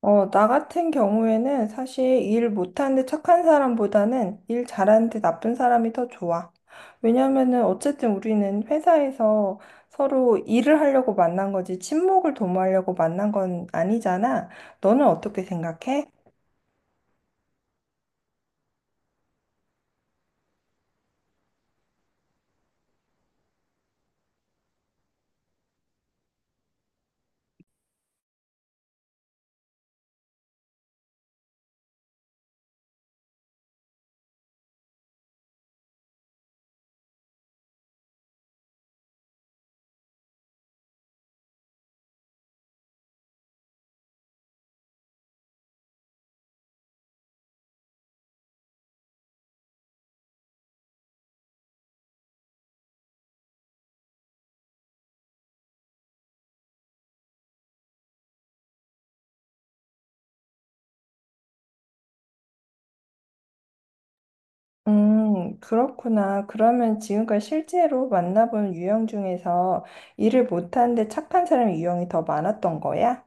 나 같은 경우에는 사실 일 못하는데 착한 사람보다는 일 잘하는데 나쁜 사람이 더 좋아. 왜냐면은 어쨌든 우리는 회사에서 서로 일을 하려고 만난 거지 친목을 도모하려고 만난 건 아니잖아. 너는 어떻게 생각해? 그렇구나. 그러면 지금까지 실제로 만나본 유형 중에서 일을 못하는데 착한 사람 유형이 더 많았던 거야?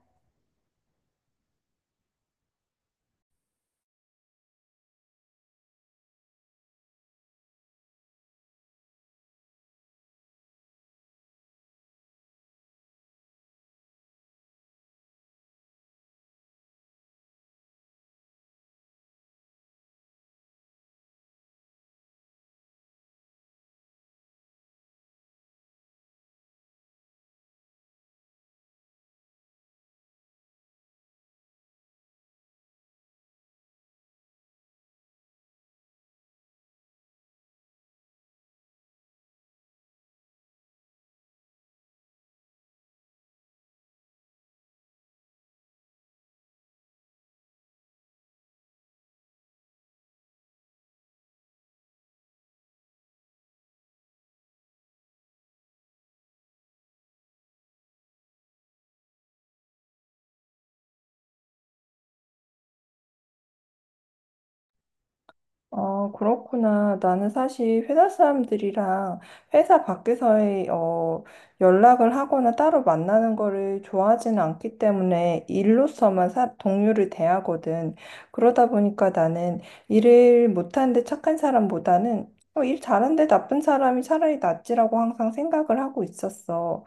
그렇구나. 나는 사실 회사 사람들이랑 회사 밖에서의 연락을 하거나 따로 만나는 거를 좋아하지는 않기 때문에 일로서만 사, 동료를 대하거든. 그러다 보니까 나는 일을 못하는데 착한 사람보다는 일 잘하는데 나쁜 사람이 차라리 낫지라고 항상 생각을 하고 있었어.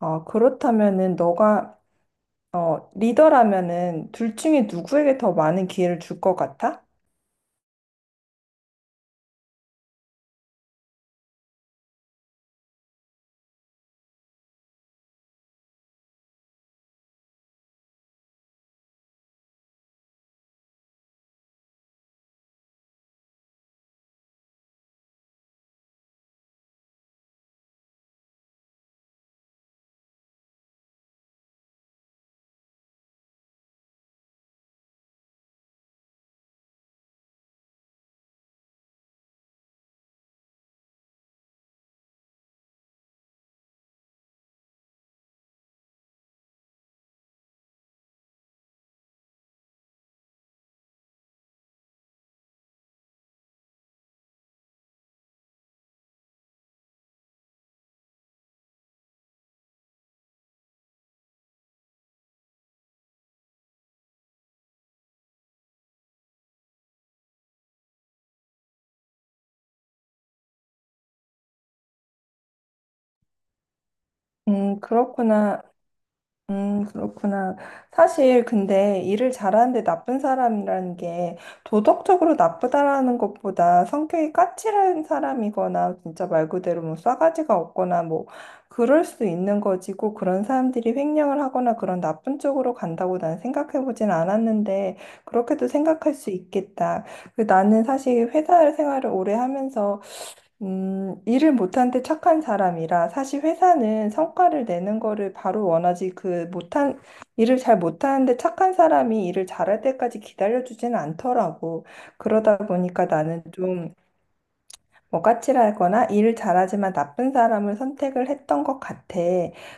어, 그렇다면은 너가 리더라면은 둘 중에 누구에게 더 많은 기회를 줄 것 같아? 그렇구나. 그렇구나. 사실 근데 일을 잘하는데 나쁜 사람이라는 게 도덕적으로 나쁘다라는 것보다 성격이 까칠한 사람이거나 진짜 말 그대로 뭐 싸가지가 없거나 뭐 그럴 수 있는 거지고 그런 사람들이 횡령을 하거나 그런 나쁜 쪽으로 간다고 난 생각해 보진 않았는데 그렇게도 생각할 수 있겠다. 그 나는 사실 회사 생활을 오래 하면서 일을 못한데 착한 사람이라 사실 회사는 성과를 내는 거를 바로 원하지 그 못한 일을 잘 못하는데 착한 사람이 일을 잘할 때까지 기다려주지는 않더라고. 그러다 보니까 나는 좀 뭐 까칠하거나 일을 잘하지만 나쁜 사람을 선택을 했던 것 같아.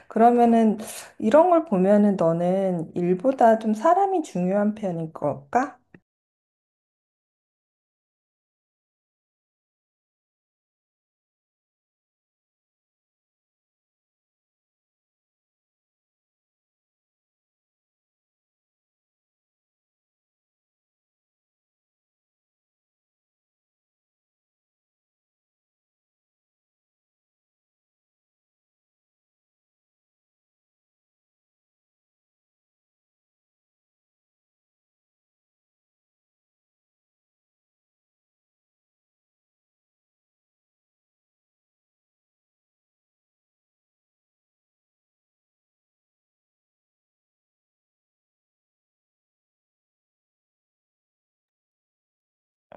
그러면은 이런 걸 보면은 너는 일보다 좀 사람이 중요한 편인 걸까?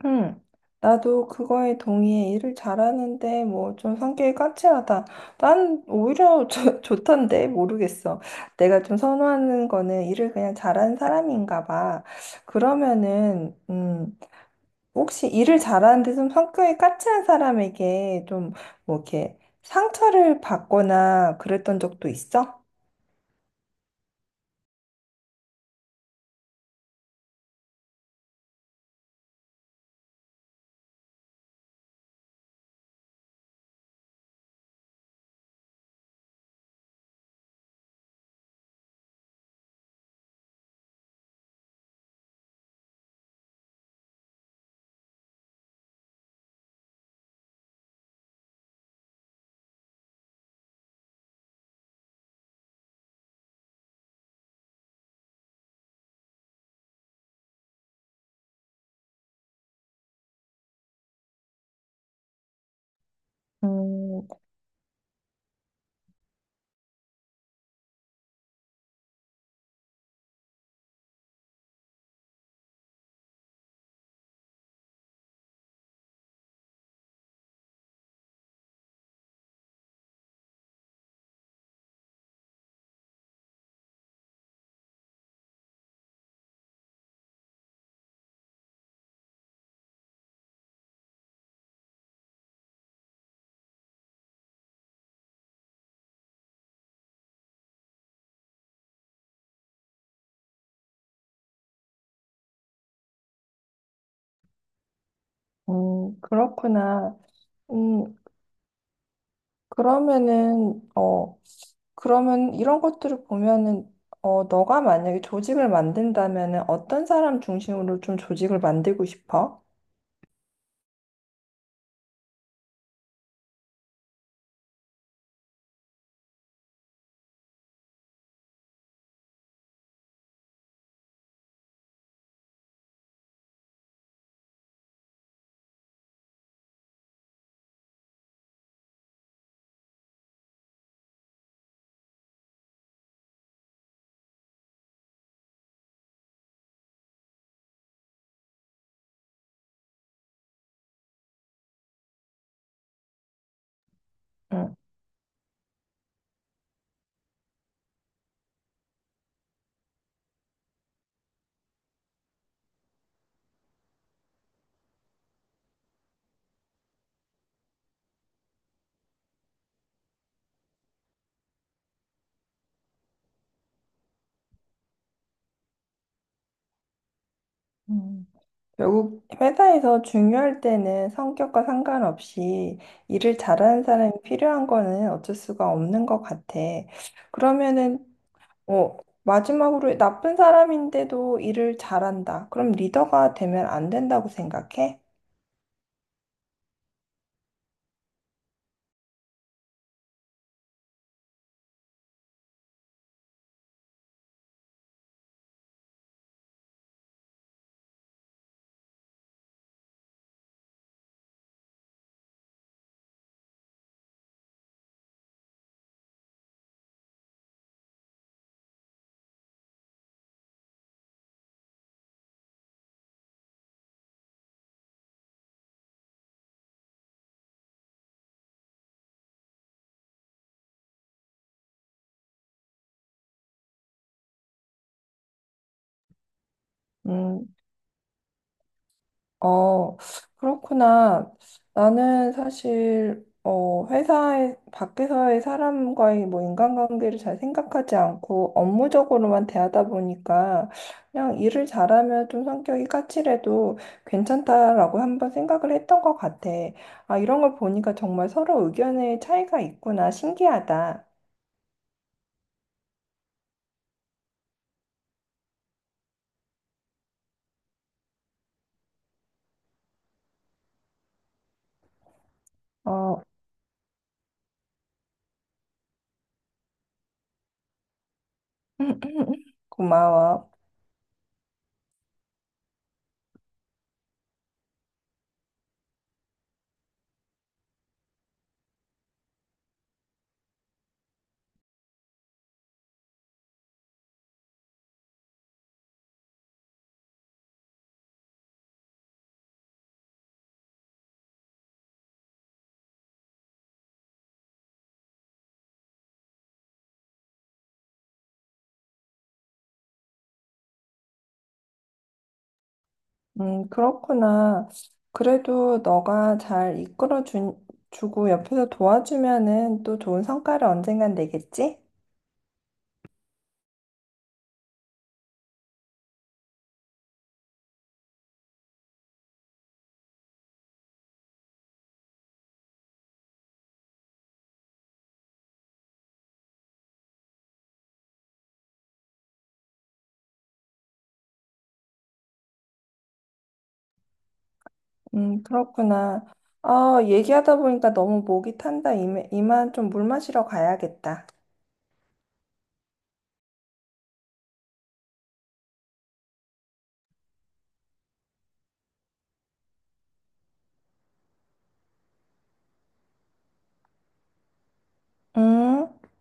응, 나도 그거에 동의해. 일을 잘하는데, 뭐, 좀 성격이 까칠하다. 난 오히려 좋 좋던데, 모르겠어. 내가 좀 선호하는 거는 일을 그냥 잘하는 사람인가 봐. 그러면은, 혹시 일을 잘하는데 좀 성격이 까칠한 사람에게 좀, 뭐, 이렇게 상처를 받거나 그랬던 적도 있어? 음, 그렇구나. 음, 그러면은, 어, 그러면 이런 것들을 보면은 어, 너가 만약에 조직을 만든다면은 어떤 사람 중심으로 좀 조직을 만들고 싶어? 응. 음, 결국 회사에서 중요할 때는 성격과 상관없이 일을 잘하는 사람이 필요한 거는 어쩔 수가 없는 것 같아. 그러면은 어, 마지막으로 나쁜 사람인데도 일을 잘한다. 그럼 리더가 되면 안 된다고 생각해? 음, 어, 그렇구나. 나는 사실, 어, 회사에, 밖에서의 사람과의 뭐 인간관계를 잘 생각하지 않고 업무적으로만 대하다 보니까 그냥 일을 잘하면 좀 성격이 까칠해도 괜찮다라고 한번 생각을 했던 것 같아. 아, 이런 걸 보니까 정말 서로 의견의 차이가 있구나. 신기하다. 어, 고마워. 그렇구나. 그래도 너가 잘 주고 옆에서 도와주면은 또 좋은 성과를 언젠간 내겠지? 그렇구나. 아, 얘기하다 보니까 너무 목이 탄다. 이만 좀 물 마시러 가야겠다. 음.